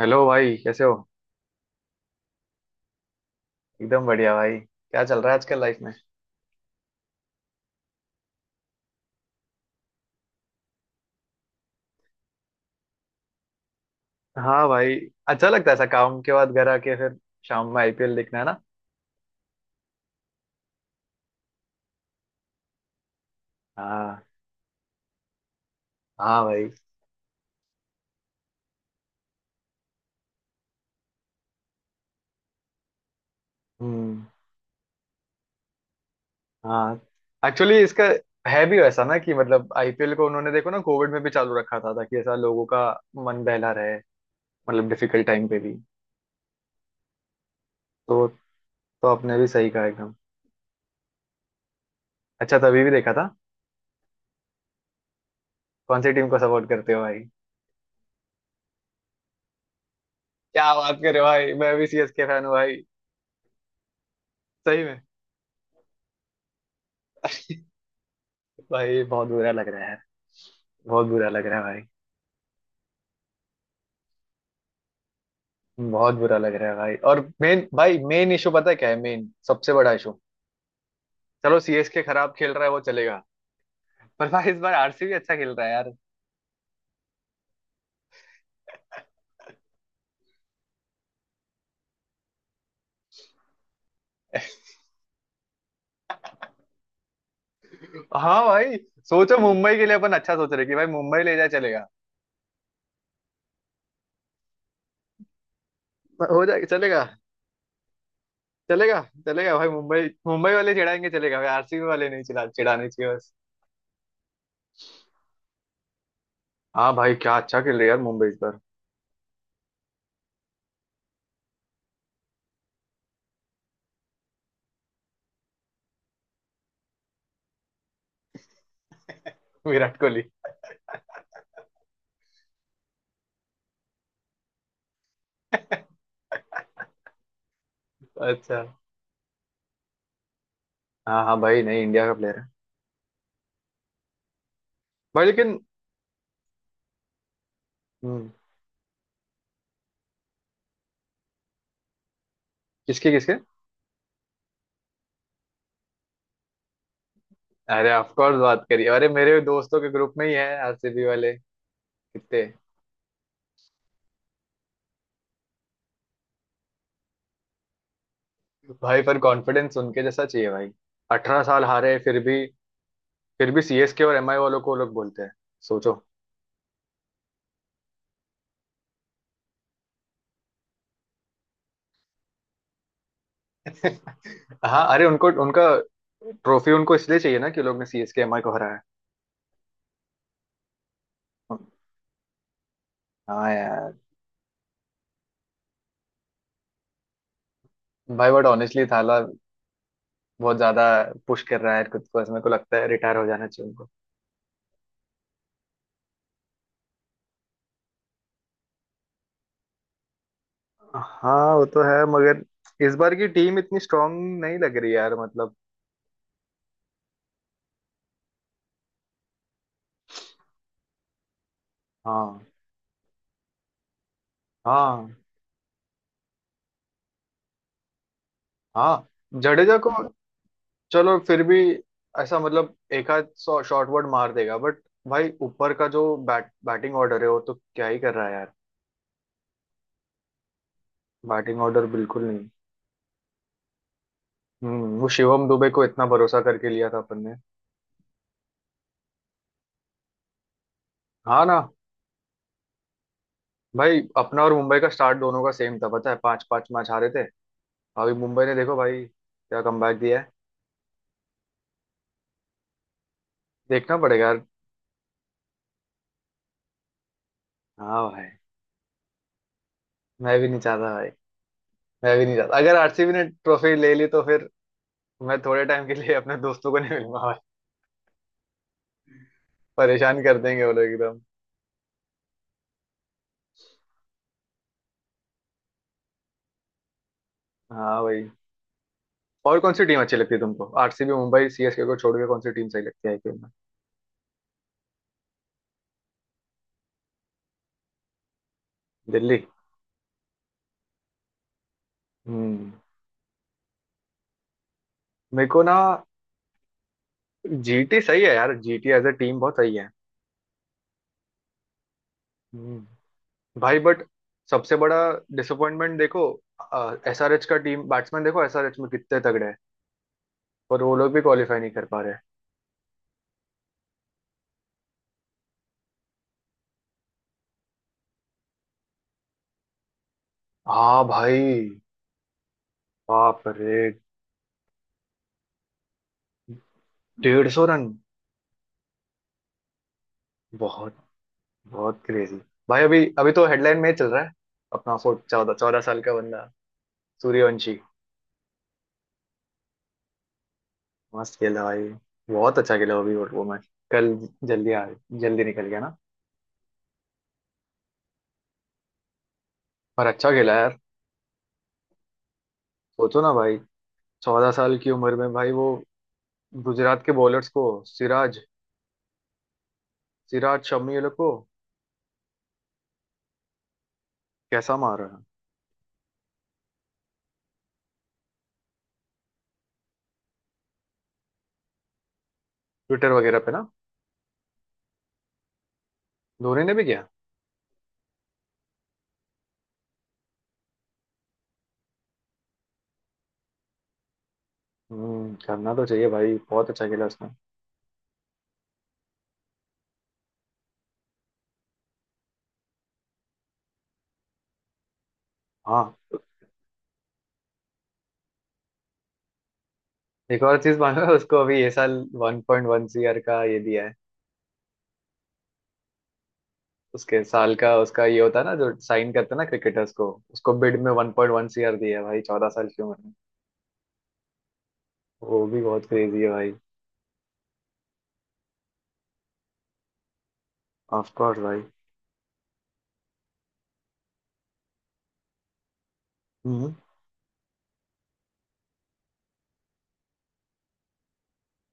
Hello भाई कैसे हो। एकदम बढ़िया भाई, क्या चल रहा है आजकल लाइफ में। हाँ भाई, अच्छा लगता है ऐसा काम के बाद घर आके फिर शाम में आईपीएल देखना है ना। हाँ, हाँ भाई। हम्म। हाँ, एक्चुअली इसका है भी वैसा ना कि मतलब आईपीएल को उन्होंने देखो ना कोविड में भी चालू रखा था ताकि ऐसा लोगों का मन बहला रहे, मतलब डिफिकल्ट टाइम पे भी। तो तो आपने भी सही कहा एकदम, अच्छा तभी भी देखा था। कौन सी टीम को सपोर्ट करते हो भाई? क्या बात कर रहे हो भाई, मैं भी सीएसके फैन हूँ भाई। सही में भाई बहुत बुरा लग रहा, बहुत बुरा लग रहा है भाई, बहुत बुरा लग रहा है भाई। और मेन भाई मेन इशू पता है क्या है, मेन सबसे बड़ा इशू, चलो सीएसके खराब खेल रहा है वो चलेगा, पर भाई इस बार आरसीबी अच्छा खेल रहा है यार। हाँ भाई, सोचो मुंबई के लिए अपन अच्छा सोच रहे कि भाई मुंबई ले जाए चलेगा, हो जाएगा चलेगा, चलेगा, चलेगा भाई। मुंबई मुंबई वाले चिढ़ाएंगे चलेगा भाई, आरसीबी वाले नहीं चिढ़ाने चाहिए बस। हाँ भाई, क्या अच्छा खेल रहा है यार मुंबई इस बार। विराट कोहली। अच्छा। हाँ हाँ भाई नहीं, इंडिया का प्लेयर है। भाई लेकिन। हम्म, किसके किसके? अरे ऑफ कोर्स बात करिए, अरे मेरे दोस्तों के ग्रुप में ही है आरसीबी वाले, कितने। भाई पर कॉन्फिडेंस उनके जैसा चाहिए भाई, 18 साल हारे फिर भी। फिर भी सीएसके और एमआई वालों को लोग बोलते हैं, सोचो। हाँ, अरे उनको उनका, ट्रॉफी उनको इसलिए चाहिए ना कि लोग ने सीएसके एमआई को हराया। हाँ यार। भाई बट ऑनेस्टली थाला बहुत ज्यादा पुश कर रहा है खुद को, इसमें को लगता है रिटायर हो जाना चाहिए उनको। हाँ वो तो है, मगर इस बार की टीम इतनी स्ट्रांग नहीं लग रही यार, मतलब। हाँ। हाँ। हाँ। जडेजा को। चलो फिर भी ऐसा मतलब एक आध शॉर्ट वर्ड मार देगा, बट भाई ऊपर का जो बैट बैटिंग ऑर्डर है वो तो क्या ही कर रहा है यार। बैटिंग ऑर्डर बिल्कुल नहीं। वो शिवम दुबे को इतना भरोसा करके लिया था अपन ने। हाँ ना भाई, अपना और मुंबई का स्टार्ट दोनों का सेम था, पता है पांच पांच मैच हारे थे। अभी मुंबई ने देखो भाई क्या कमबैक दिया है। देखना पड़ेगा यार। हाँ भाई, मैं भी नहीं चाहता भाई, मैं भी नहीं चाहता, अगर आरसीबी ने ट्रॉफी ले ली तो फिर मैं थोड़े टाइम के लिए अपने दोस्तों को नहीं मिलूंगा, परेशान कर देंगे वो लोग एकदम। हाँ भाई, और कौन सी टीम अच्छी लगती है तुमको, आरसीबी मुंबई सीएसके को छोड़ के कौन सी टीम सही लगती है आईपीएल में? दिल्ली। हम्म, मेरे को ना जीटी सही है यार, जीटी एज अ टीम बहुत सही है। हम्म। भाई बट सबसे बड़ा डिसअपॉइंटमेंट देखो एसआरएच का, टीम बैट्समैन देखो एसआरएच में कितने तगड़े हैं, पर वो लोग भी क्वालिफाई नहीं कर पा रहे। हाँ भाई। बाप रे, 150 रन। बहुत, बहुत क्रेजी भाई। अभी अभी तो हेडलाइन में ही चल रहा है अपना फोर्ट, चौदह चौदह साल का बंदा, सूर्यवंशी। मस्त खेला भाई, बहुत अच्छा खेला वो भी। वो मैच। कल, जल्दी आ, जल्दी निकल गया ना, पर अच्छा खेला यार। सोचो ना भाई, 14 साल की उम्र में भाई वो गुजरात के बॉलर्स को, सिराज, सिराज शमी ये लोग को कैसा मार रहा है। ट्विटर वगैरह पे ना धोनी ने भी किया। करना तो चाहिए भाई, बहुत अच्छा खेला उसने। हाँ, एक और चीज मानो, उसको अभी ये साल 1.1 CR का ये दिया है, उसके साल का उसका ये होता है ना जो साइन करते हैं ना क्रिकेटर्स को, उसको बिड में 1.1 CR दिया है भाई, 14 साल की उम्र। वो भी बहुत क्रेजी है भाई। ऑफ कोर्स भाई। हम्म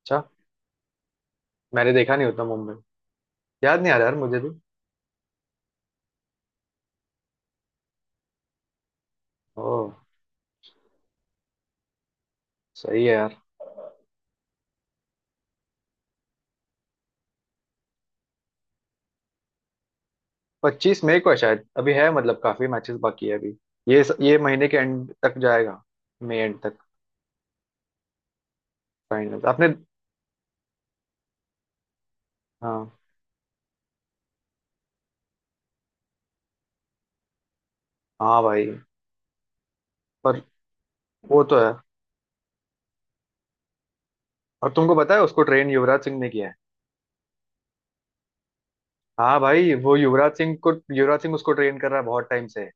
अच्छा, मैंने देखा नहीं उतना मुंबई, याद नहीं आ रहा यार मुझे भी। ओह, सही है यार। 25 मई को है शायद, अभी है मतलब काफी मैचेस बाकी है अभी, ये महीने के एंड तक जाएगा, मई एंड तक। फाइनल आपने। हाँ। हाँ भाई, पर वो तो है, और तुमको पता है उसको ट्रेन युवराज सिंह ने किया है। हाँ भाई वो युवराज सिंह को, युवराज सिंह उसको ट्रेन कर रहा है बहुत टाइम से।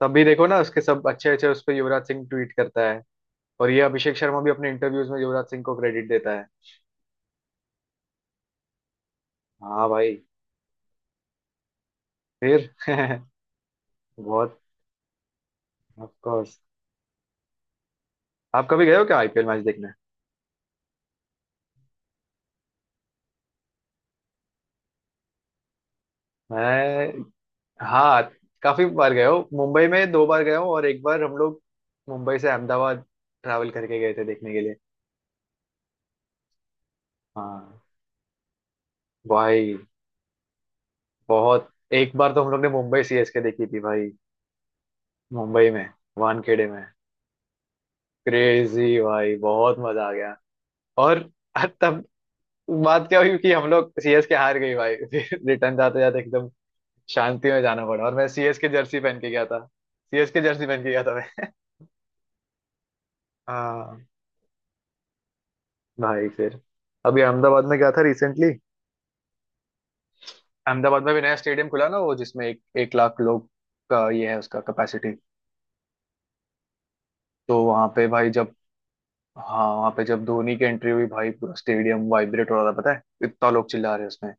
तब भी देखो ना उसके सब अच्छे अच्छे, उस पर युवराज सिंह ट्वीट करता है। और ये अभिषेक शर्मा भी अपने इंटरव्यूज में युवराज सिंह को क्रेडिट देता है। हाँ भाई। फिर बहुत, ऑफ कोर्स। आप कभी गए हो क्या आईपीएल मैच देखने? मैं, हाँ काफी बार गए हो, मुंबई में 2 बार गए हूँ और एक बार हम लोग मुंबई से अहमदाबाद ट्रैवल करके गए थे देखने के लिए। हाँ भाई, बहुत, एक बार तो हम लोग ने मुंबई सीएसके देखी थी भाई मुंबई में, वानखेड़े में। क्रेजी भाई, बहुत मजा आ गया। और तब बात क्या हुई कि हम लोग सीएसके हार गई भाई फिर रिटर्न जाते जाते एकदम शांति में जाना पड़ा, और मैं सीएस के जर्सी पहन के गया था, सीएस के जर्सी पहन के गया था मैं। हाँ, भाई फिर अभी अहमदाबाद में गया था रिसेंटली, अहमदाबाद में भी नया स्टेडियम खुला ना, वो जिसमें एक एक लाख लोग का ये है उसका कैपेसिटी। तो वहां पे भाई जब, हाँ वहां पे जब धोनी की एंट्री हुई भाई पूरा स्टेडियम वाइब्रेट हो रहा था पता है, इतना लोग चिल्ला रहे हैं उसमें।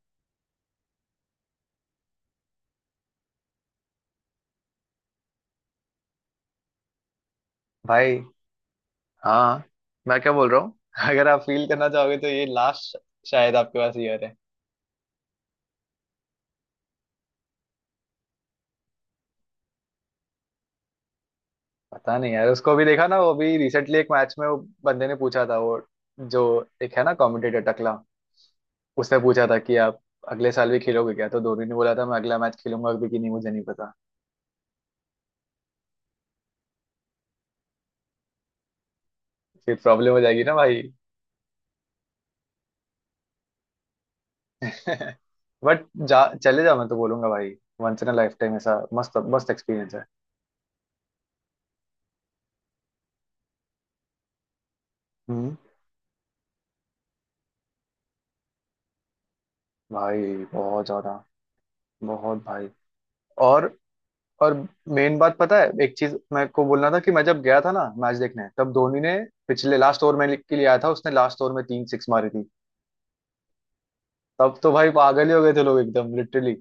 भाई। हाँ। मैं क्या बोल रहा हूँ अगर आप फील करना चाहोगे तो ये लास्ट शायद आपके पास ईयर है। पता नहीं यार, उसको भी देखा ना वो भी रिसेंटली एक मैच में वो बंदे ने पूछा था, वो जो एक है ना कमेंटेटर टकला, उसने पूछा था कि आप अगले साल भी खेलोगे क्या, तो धोनी ने बोला था मैं अगला मैच खेलूंगा भी कि नहीं मुझे नहीं पता। फिर प्रॉब्लम हो जाएगी ना भाई। बट जा चले जा मैं तो बोलूंगा भाई, once in a lifetime ऐसा मस्त मस्त एक्सपीरियंस है। हम्म भाई बहुत ज्यादा, बहुत भाई। और और मेन बात पता है, एक चीज मैं को बोलना था कि मैं जब गया था ना मैच देखने, तब धोनी ने पिछले लास्ट ओवर में के लिए आया था, उसने लास्ट ओवर में तीन सिक्स मारी थी। तब तो भाई पागल ही हो गए थे लोग एकदम लिटरली।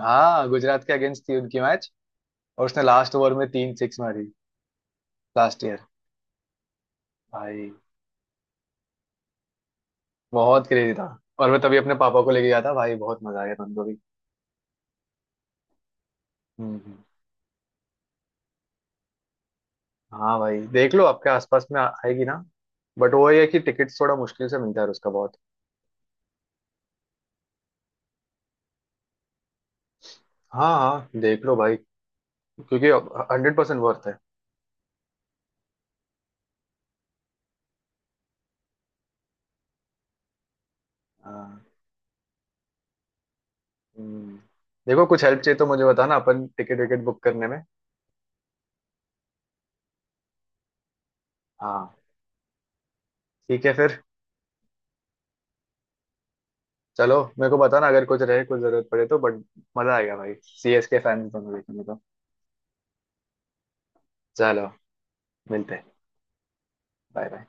हाँ, गुजरात के अगेंस्ट थी उनकी मैच, और उसने लास्ट ओवर में तीन सिक्स मारी लास्ट ईयर भाई, बहुत क्रेजी था, और मैं तभी अपने पापा को लेके गया था भाई, बहुत मजा आया था उनको भी। हम्म, हाँ भाई देख लो आपके आसपास में आएगी ना, बट वो ये है कि टिकट्स थोड़ा मुश्किल से मिलता है उसका बहुत। हाँ हाँ देख लो भाई, क्योंकि 100% वर्थ है। हाँ। हम्म। देखो कुछ हेल्प चाहिए तो मुझे बताना, अपन टिकट विकेट बुक करने में। हाँ। ठीक है फिर। चलो मेरे को बताना अगर कुछ रहे कुछ जरूरत पड़े तो, बट मजा आएगा भाई सीएस के फैन दोनों देखेंगे तो। चलो मिलते हैं। Bye bye.